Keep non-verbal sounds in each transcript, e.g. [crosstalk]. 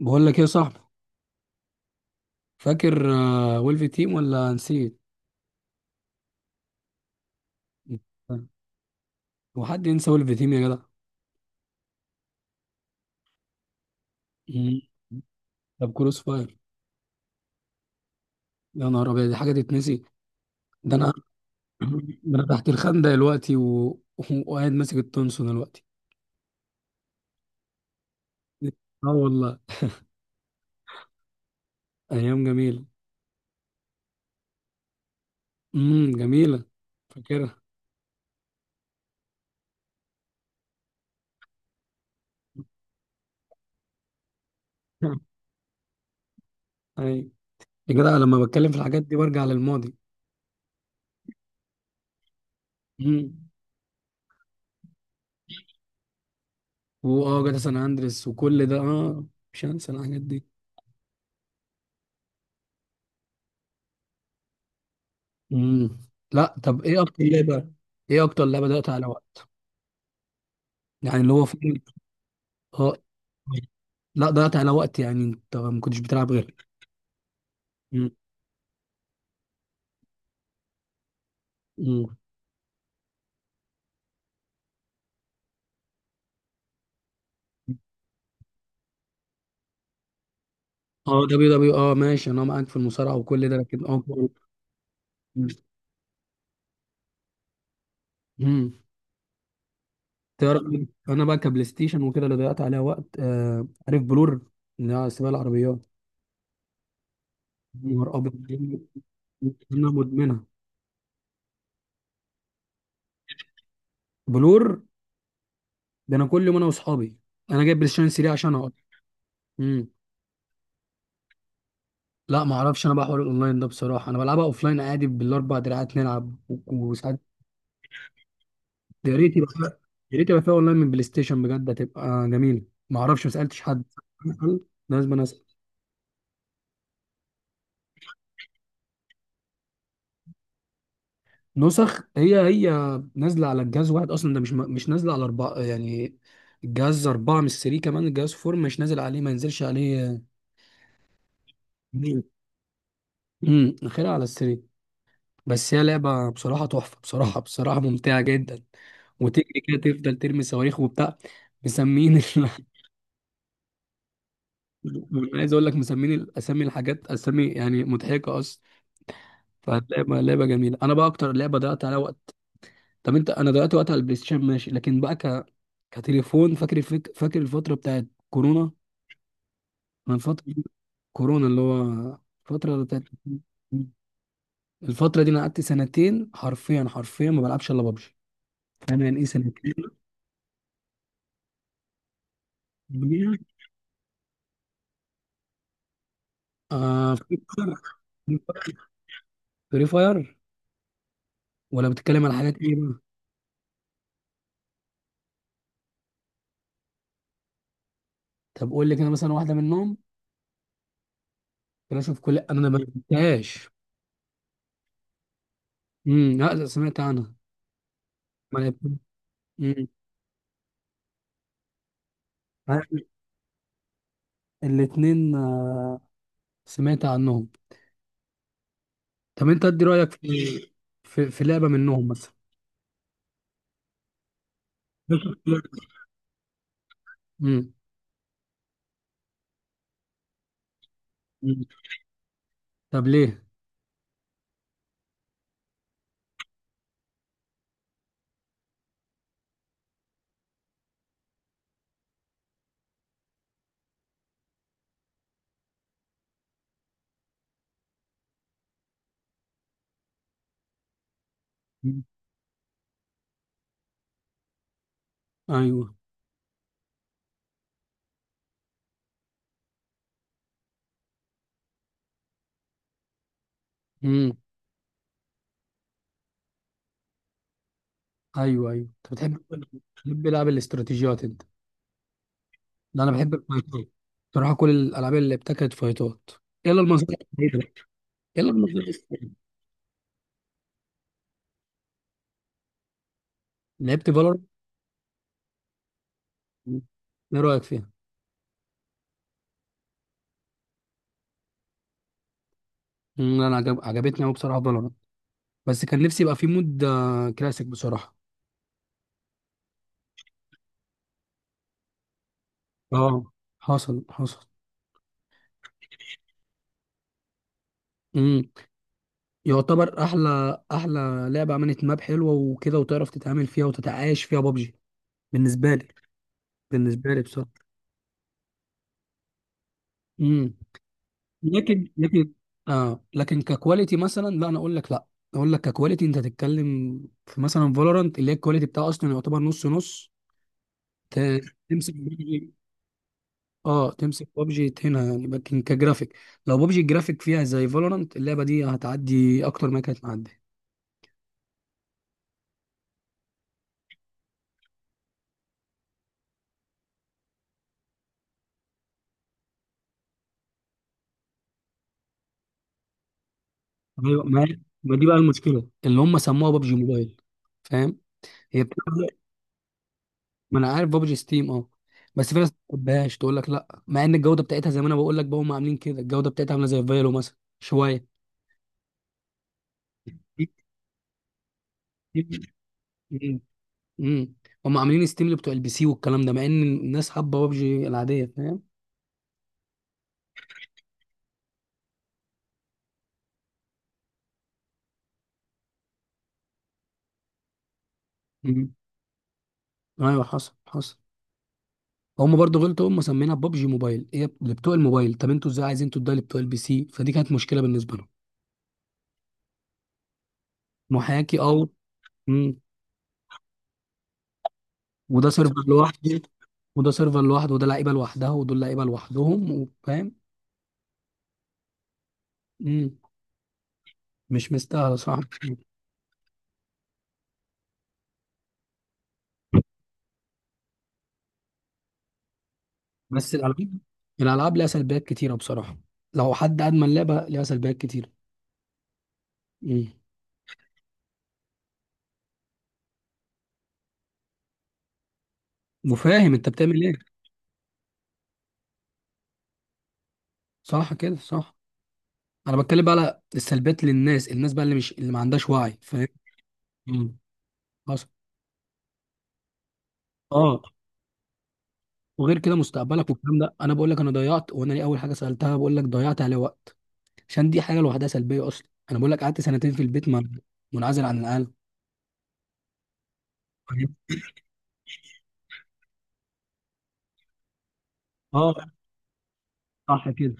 بقول لك ايه يا صاحبي؟ فاكر ويلف تيم ولا نسيت؟ هو حد ينسى ويلف تيم يا جدع؟ مم. طب كروس فاير. يا نهار ابيض، دي حاجه تتنسي؟ ده انا [clears throat] ده انا تحت الخندق دلوقتي وقاعد ماسك التونسون دلوقتي. اه والله. ايام جميله. امم، جميله. فاكرها. [laughs] اي. يا جدع، لما بتكلم في الحاجات دي برجع للماضي. امم. واه جدع، سان اندريس وكل ده، اه. مش هنسى الحاجات دي. امم. لا طب، ايه اكتر لعبه؟ ايه اكتر لعبه ضيعت على وقت؟ يعني اللي هو فعلا، اه. لا ضيعت على وقت، يعني انت ما كنتش بتلعب غير. امم. امم. اه دبليو دبليو اه، ماشي، انا معاك في المصارعه وكل ده، لكن اه. امم. تعرف، انا بقى كبلاي ستيشن وكده اللي ضيعت عليها وقت. عارف بلور، اللي هي سباق العربيات. يا نهار ابيض، انا مدمنها. بلور، ده انا كل يوم انا واصحابي. انا جايب بلاي ستيشن 3 عشانها اصلا. لا ما اعرفش، انا بقى حوار الاونلاين ده بصراحه انا بلعبها اوفلاين عادي بالاربع دراعات نلعب وساعات. يا ريت يبقى فيها، يا ريت يبقى فيها اونلاين من بلاي ستيشن بجد هتبقى جميله. ما اعرفش، ما سالتش حد. لازم انا اسال. نسخ. هي نازله على الجهاز واحد اصلا، ده مش نازله على اربعه يعني. الجهاز اربعه مش 3 كمان، الجهاز فور مش نازل عليه، ما ينزلش عليه. امم، اخرها على السري. بس هي لعبه بصراحه تحفه، بصراحه ممتعه جدا. وتجري كده تفضل ترمي صواريخ وبتاع. مسمين. [laughs] انا عايز اقول لك مسمين الاسامي، الحاجات اسامي يعني مضحكه اصلا. فهتلاقي بقى لعبه جميله، انا بقى اكتر لعبه ضيعت عليها وقت. طب انت، انا ضيعت وقت على البلاي ستيشن ماشي، لكن بقى كتليفون. فاكر فاكر الفتره بتاعت كورونا؟ انا الفتره دي- كورونا اللي هو الفتره بتاعت. الفتره دي انا قعدت سنتين، حرفيا ما بلعبش الا ببجي. فاهم يعني ايه سنتين؟ ببجي؟ آه، فري فاير. فري فاير، ولا بتتكلم على حاجات ايه بقى؟ طب قول لي كده مثلا واحده منهم. كلاش اوف كل، انا ما لعبتهاش. امم، لا سمعت عنها. ما. امم، الاثنين. سمعت عنهم. طب انت ادي رايك في في لعبه منهم مثلا. امم. طب ليه؟ مم. ايوه. امم. ايوه. ايوه انت بتحب، بتحب العاب الاستراتيجيات انت. ده انا بحب الفايتات بصراحه، كل الالعاب اللي ابتكرت فايتات. يلا المصدر. يلا المصدر. لعبت فالورانت. ايه رايك فيها؟ مم، انا عجبتني قوي بصراحه فالورانت. بس كان نفسي يبقى في مود كلاسيك بصراحه. اه حصل. امم. يعتبر احلى، احلى لعبه عملت ماب حلوه وكده وتعرف تتعامل فيها وتتعايش فيها بابجي. بالنسبه لي، بالنسبه لي بصراحه. امم. لكن اه، لكن ككواليتي مثلا لا، انا اقول لك لا. اقول لك ككواليتي انت تتكلم. في مثلا فالورانت اللي هي الكواليتي بتاعها اصلا يعتبر نص نص. ت- تمسك بابجي. اه، تمسك بابجي هنا يعني، لكن كجرافيك. لو بابجي الجرافيك فيها زي فالورانت، اللعبه دي هتعدي اكتر ما كانت معديه. ايوه ما، دي بقى المشكله اللي هم سموها بابجي موبايل. فاهم. هي بتبقى. ما انا عارف بابجي ستيم، اه. بس في ناس ما بتحبهاش، تقول لك لا، مع ان الجوده بتاعتها زي ما انا بقول لك بقى هم عاملين كده، الجوده بتاعتها عامله زي فايلو مثلا شويه. امم. امم. هم عاملين ستيم اللي بتوع البي سي والكلام ده، مع ان الناس حابه بابجي العاديه، فاهم. امم. ايوه حصل. هم برضو غلطوا، هم مسمينها بابجي موبايل هي اللي بتوع الموبايل، طب انتوا ازاي عايزين تدوها لبتوع البي سي؟ فدي كانت مشكله بالنسبه لهم. محاكي، اه. وده سيرفر لوحده، وده سيرفر لوحده، وده لعيبه لوحدها، ودول لعيبه لوحدهم، وفاهم. مم. مش مستاهله، صح. بس الالعاب، الالعاب ليها سلبيات كتيره بصراحه، لو حد ادمن لعبه ليها سلبيات كتيره. مم. وفاهم انت بتعمل ايه. صح كده، صح. انا بتكلم بقى على السلبيات للناس، الناس بقى اللي مش اللي ما عندهاش وعي، فاهم. مم. حصل. اه. وغير كده مستقبلك والكلام ده، انا بقول لك انا ضيعت، وانا ليه اول حاجه سالتها بقول لك ضيعت عليه وقت. عشان دي حاجه لوحدها سلبيه اصلا، انا بقول لك قعدت سنتين في البيت منعزل عن العالم. فاهم؟ اه، صح كده.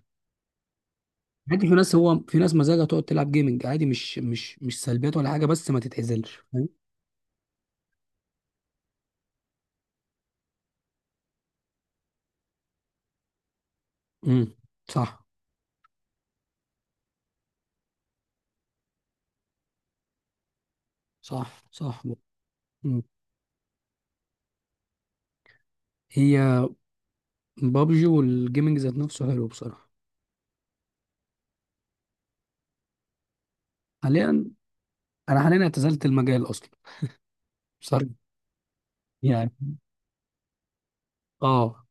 عادي، في ناس، هو في ناس مزاجها تقعد تلعب جيمنج عادي، مش سلبيات ولا حاجه، بس ما تتعزلش فاهم. امم. صح صح صح. مم. هي بابجي والجيمنج ذات نفسه حلو بصراحه. حاليا، انا حاليا اعتزلت المجال اصلا بصراحه، يعني. اه.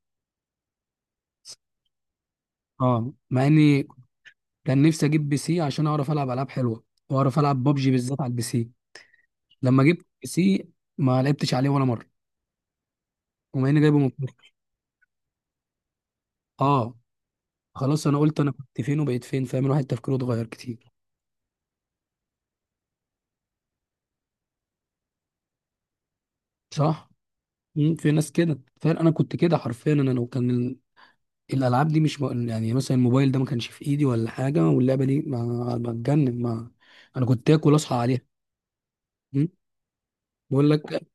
اه، مع اني كان نفسي اجيب بي سي عشان اعرف العب العاب حلوه واعرف العب بابجي بالذات على البي سي. لما جبت بي سي ما لعبتش عليه ولا مره. وما اني جايبه من [laughs] اه. خلاص انا قلت انا كنت فين وبقيت فين، فاهم، الواحد تفكيره اتغير كتير. صح. مم، في ناس كده فعلا، انا كنت كده حرفيا، انا لو كان الالعاب دي مش م- يعني مثلا الموبايل ده ما كانش في ايدي ولا حاجه، واللعبه دي ما بتجنن، ما انا كنت اكل اصحى عليها. مم. بقول لك.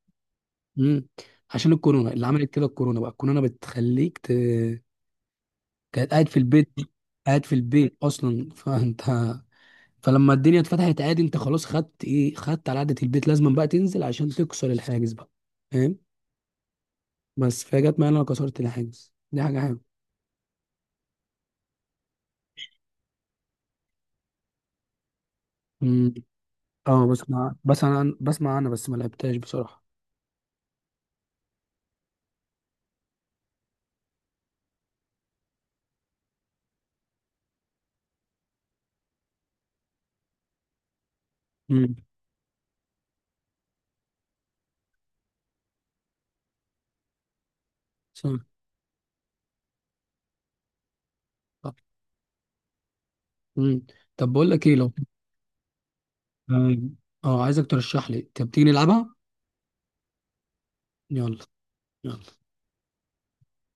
مم. عشان الكورونا اللي عملت كده، الكورونا بقى، الكورونا بتخليك كانت قاعد في البيت. قاعد في البيت اصلا [laughs] فانت. فلما الدنيا اتفتحت عادي انت خلاص خدت ايه، خدت على قعدة البيت، لازم بقى تنزل عشان تكسر الحاجز بقى. فاهم. بس فهي جت معايا إن انا كسرت الحاجز، دي حاجة حلوه. امم. اه بسمع، بس انا بسمع انا بس ما لعبتهاش بصراحة. امم. صح. امم. طب بقول لك ايه، لو اه، عايزك ترشح لي. طب تيجي نلعبها. يلا. يلا.